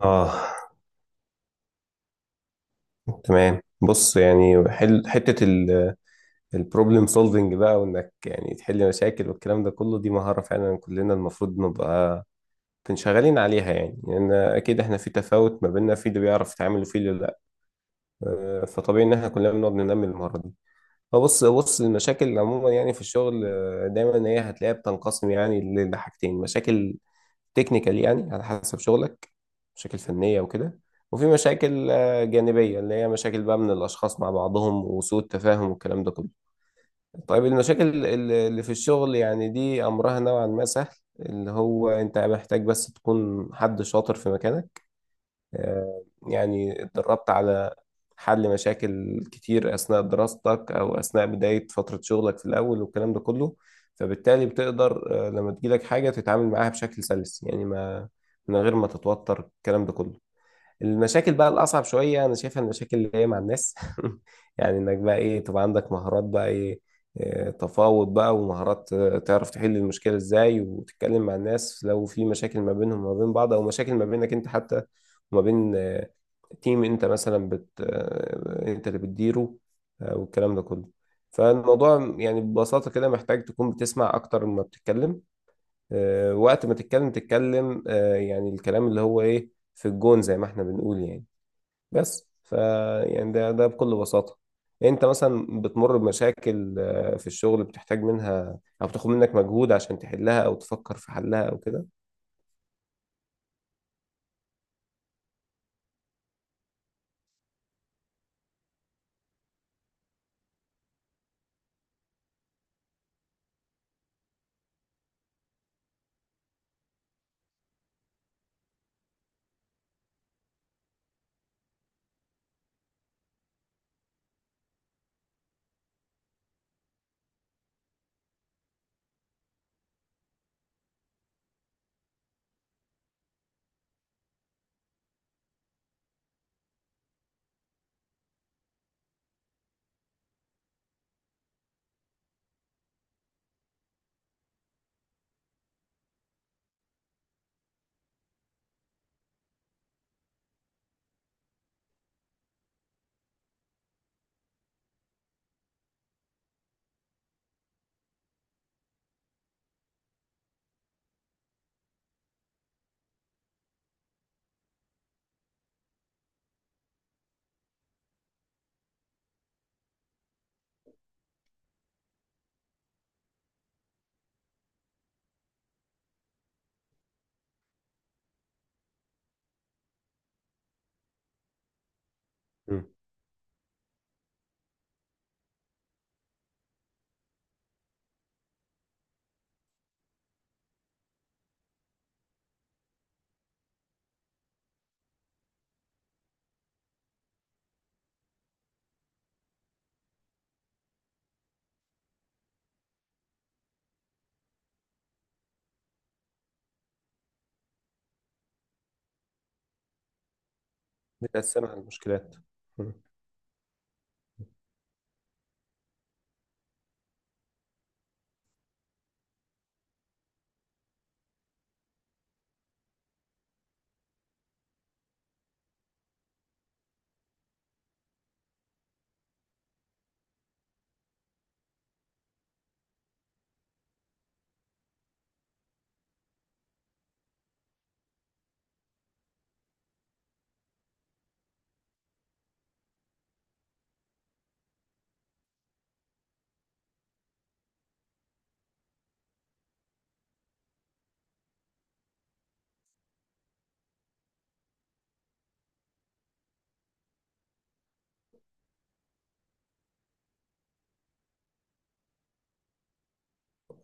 اه تمام. بص، يعني حل حته البروبلم سولفنج بقى، وانك يعني تحل مشاكل والكلام ده كله، دي مهاره فعلا كلنا المفروض نبقى منشغلين عليها، يعني لان اكيد احنا في تفاوت ما بيننا، في اللي بيعرف يتعامل وفي اللي لا. فطبيعي ان احنا كلنا بنقعد ننمي المهاره دي. فبص المشاكل عموما يعني في الشغل، دايما هي هتلاقيها بتنقسم يعني لحاجتين: مشاكل تكنيكال يعني على حسب شغلك، مشاكل فنية وكده، وفي مشاكل جانبية اللي هي مشاكل بقى من الأشخاص مع بعضهم وسوء التفاهم والكلام ده كله. طيب، المشاكل اللي في الشغل يعني دي أمرها نوعا ما سهل، اللي هو أنت محتاج بس تكون حد شاطر في مكانك. يعني اتدربت على حل مشاكل كتير أثناء دراستك أو أثناء بداية فترة شغلك في الأول والكلام ده كله. فبالتالي بتقدر، لما تجيلك حاجة تتعامل معاها بشكل سلس، يعني ما من غير ما تتوتر الكلام ده كله. المشاكل بقى الأصعب شوية أنا شايفها المشاكل اللي هي مع الناس. يعني إنك بقى إيه؟ تبقى عندك مهارات بقى إيه؟ تفاوض بقى، ومهارات تعرف تحل المشكلة إزاي، وتتكلم مع الناس لو في مشاكل ما بينهم وما بين بعض، أو مشاكل ما بينك أنت حتى وما بين تيم أنت مثلا بت آه، أنت اللي بتديره. والكلام ده كله. فالموضوع يعني ببساطة كده محتاج تكون بتسمع أكتر ما بتتكلم. وقت ما تتكلم تتكلم يعني الكلام اللي هو إيه، في الجون زي ما احنا بنقول يعني. بس ف يعني ده بكل بساطة. انت مثلا بتمر بمشاكل في الشغل بتحتاج منها او بتاخد منك مجهود عشان تحلها او تفكر في حلها او كده. مم. بتقسمها المشكلات. مم.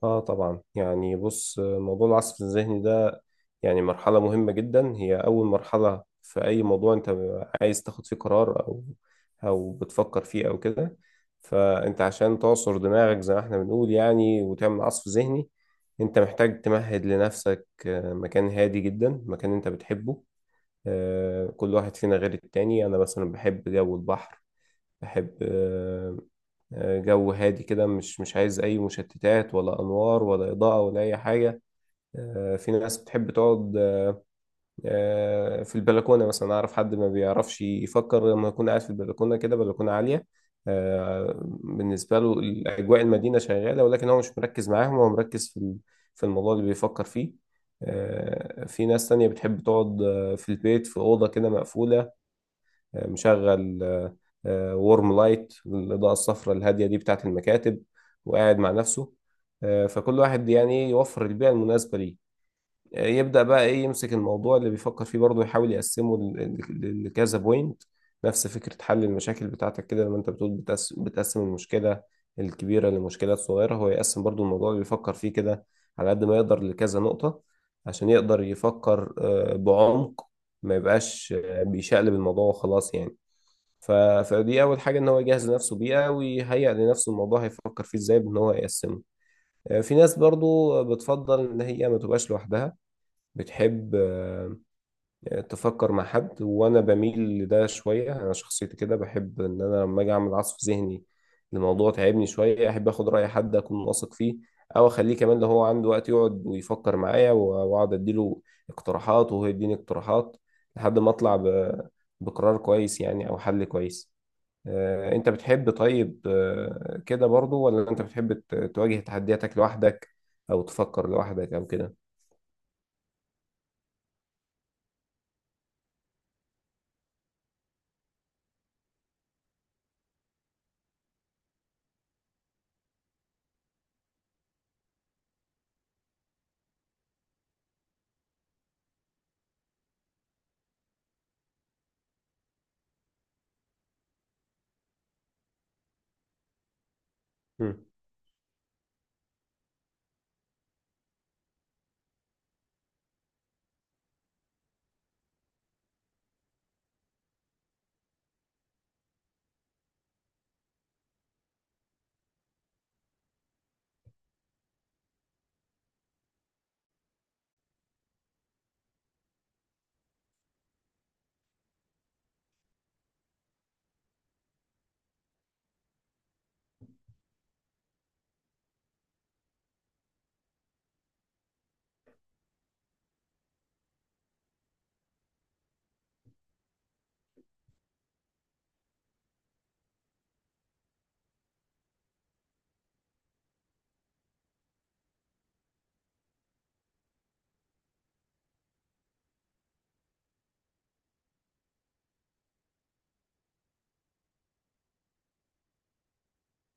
اه طبعا. يعني بص، موضوع العصف الذهني ده يعني مرحلة مهمة جدا، هي أول مرحلة في أي موضوع أنت عايز تاخد فيه قرار أو أو بتفكر فيه أو كده. فأنت عشان تعصر دماغك زي ما إحنا بنقول يعني، وتعمل عصف ذهني، أنت محتاج تمهد لنفسك مكان هادي جدا، مكان أنت بتحبه. كل واحد فينا غير التاني. أنا مثلا بحب جو البحر، بحب جو هادي كده، مش عايز أي مشتتات ولا أنوار ولا إضاءة ولا أي حاجة. في ناس بتحب تقعد في البلكونه مثلا. اعرف حد ما بيعرفش يفكر لما يكون قاعد في البلكونه كده، بلكونه عاليه. آه، بالنسبه له اجواء المدينه شغاله، ولكن هو مش مركز معاهم، هو مركز في الموضوع اللي بيفكر فيه. في ناس تانية بتحب تقعد في البيت في أوضة كده مقفولة، مشغل وورم لايت، الإضاءة الصفراء الهادية دي بتاعة المكاتب، وقاعد مع نفسه. فكل واحد يعني يوفر البيئة المناسبة ليه. يبدأ بقى ايه؟ يمسك الموضوع اللي بيفكر فيه برضه، يحاول يقسمه لكذا بوينت. نفس فكرة حل المشاكل بتاعتك كده لما انت بتقول بتقسم المشكلة الكبيرة لمشكلات صغيرة، هو يقسم برضه الموضوع اللي بيفكر فيه كده على قد ما يقدر لكذا نقطة، عشان يقدر يفكر بعمق، ما يبقاش بيشقلب الموضوع وخلاص يعني. ف- فدي أول حاجة، إن هو يجهز نفسه بيها ويهيئ لنفسه الموضوع هيفكر فيه إزاي، بإن هو يقسمه. في ناس برضو بتفضل إن هي ما تبقاش لوحدها، بتحب تفكر مع حد، وانا بميل لده شويه. انا شخصيتي كده بحب ان انا لما اجي اعمل عصف ذهني الموضوع تعبني شويه، احب اخد راي حد اكون واثق فيه، او اخليه كمان لو هو عنده وقت يقعد ويفكر معايا، واقعد اديله اقتراحات وهو يديني اقتراحات لحد ما اطلع بقرار كويس يعني او حل كويس. انت بتحب طيب كده برضو، ولا انت بتحب تواجه تحدياتك لوحدك او تفكر لوحدك او كده؟ مم.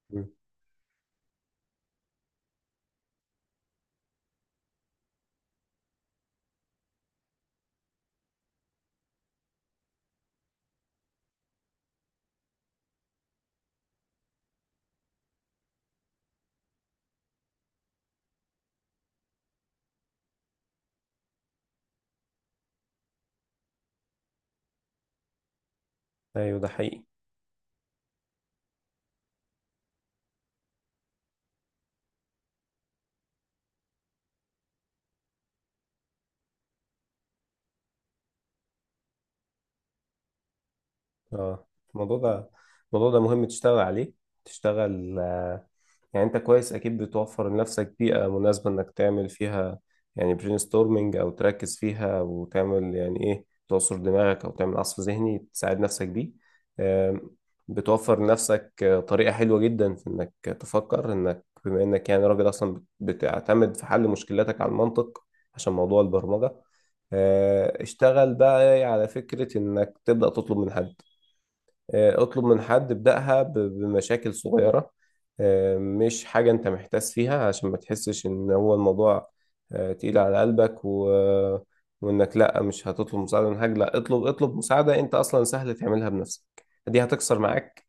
مم. ايوه، ده حقيقي. اه الموضوع ده، الموضوع ده مهم تشتغل عليه. تشتغل يعني انت كويس اكيد بتوفر لنفسك بيئة مناسبة انك تعمل فيها يعني برين ستورمنج، او تركز فيها وتعمل يعني ايه، تعصر دماغك او تعمل عصف ذهني تساعد نفسك بيه. آم، بتوفر لنفسك طريقة حلوة جدا في انك تفكر، انك بما انك يعني راجل اصلا بتعتمد في حل مشكلاتك على المنطق عشان موضوع البرمجة. اشتغل بقى على فكرة انك تبدأ تطلب من حد، اطلب من حد ابدأها بمشاكل صغيرة، مش حاجة انت محتاس فيها عشان ما تحسش ان هو الموضوع تقيل على قلبك، و... وانك لا مش هتطلب مساعدة من حاجة، لا، اطلب مساعدة انت اصلا سهل تعملها بنفسك. دي هتكسر معاك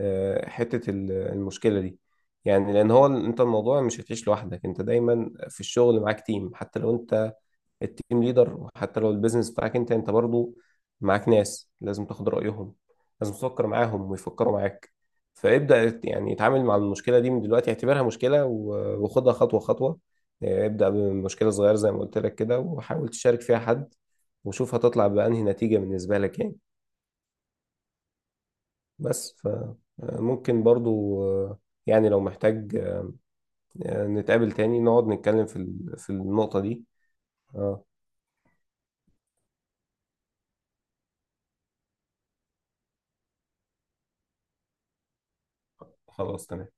حتة المشكلة دي. يعني لان هو انت الموضوع مش هتعيش لوحدك، انت دايما في الشغل معاك تيم، حتى لو انت التيم ليدر، وحتى لو البيزنس بتاعك انت، انت برضو معاك ناس لازم تاخد رأيهم، لازم تفكر معاهم ويفكروا معاك. فابدأ يعني اتعامل مع المشكلة دي من دلوقتي، اعتبرها مشكلة وخدها خطوة خطوة. اه، ابدأ بمشكلة صغيرة زي ما قلت لك كده، وحاول تشارك فيها حد، وشوف هتطلع بأنهي نتيجة بالنسبة لك يعني. بس. فممكن برضو اه، يعني لو محتاج اه، نتقابل تاني نقعد نتكلم في النقطة دي. اه، خلاص تمام.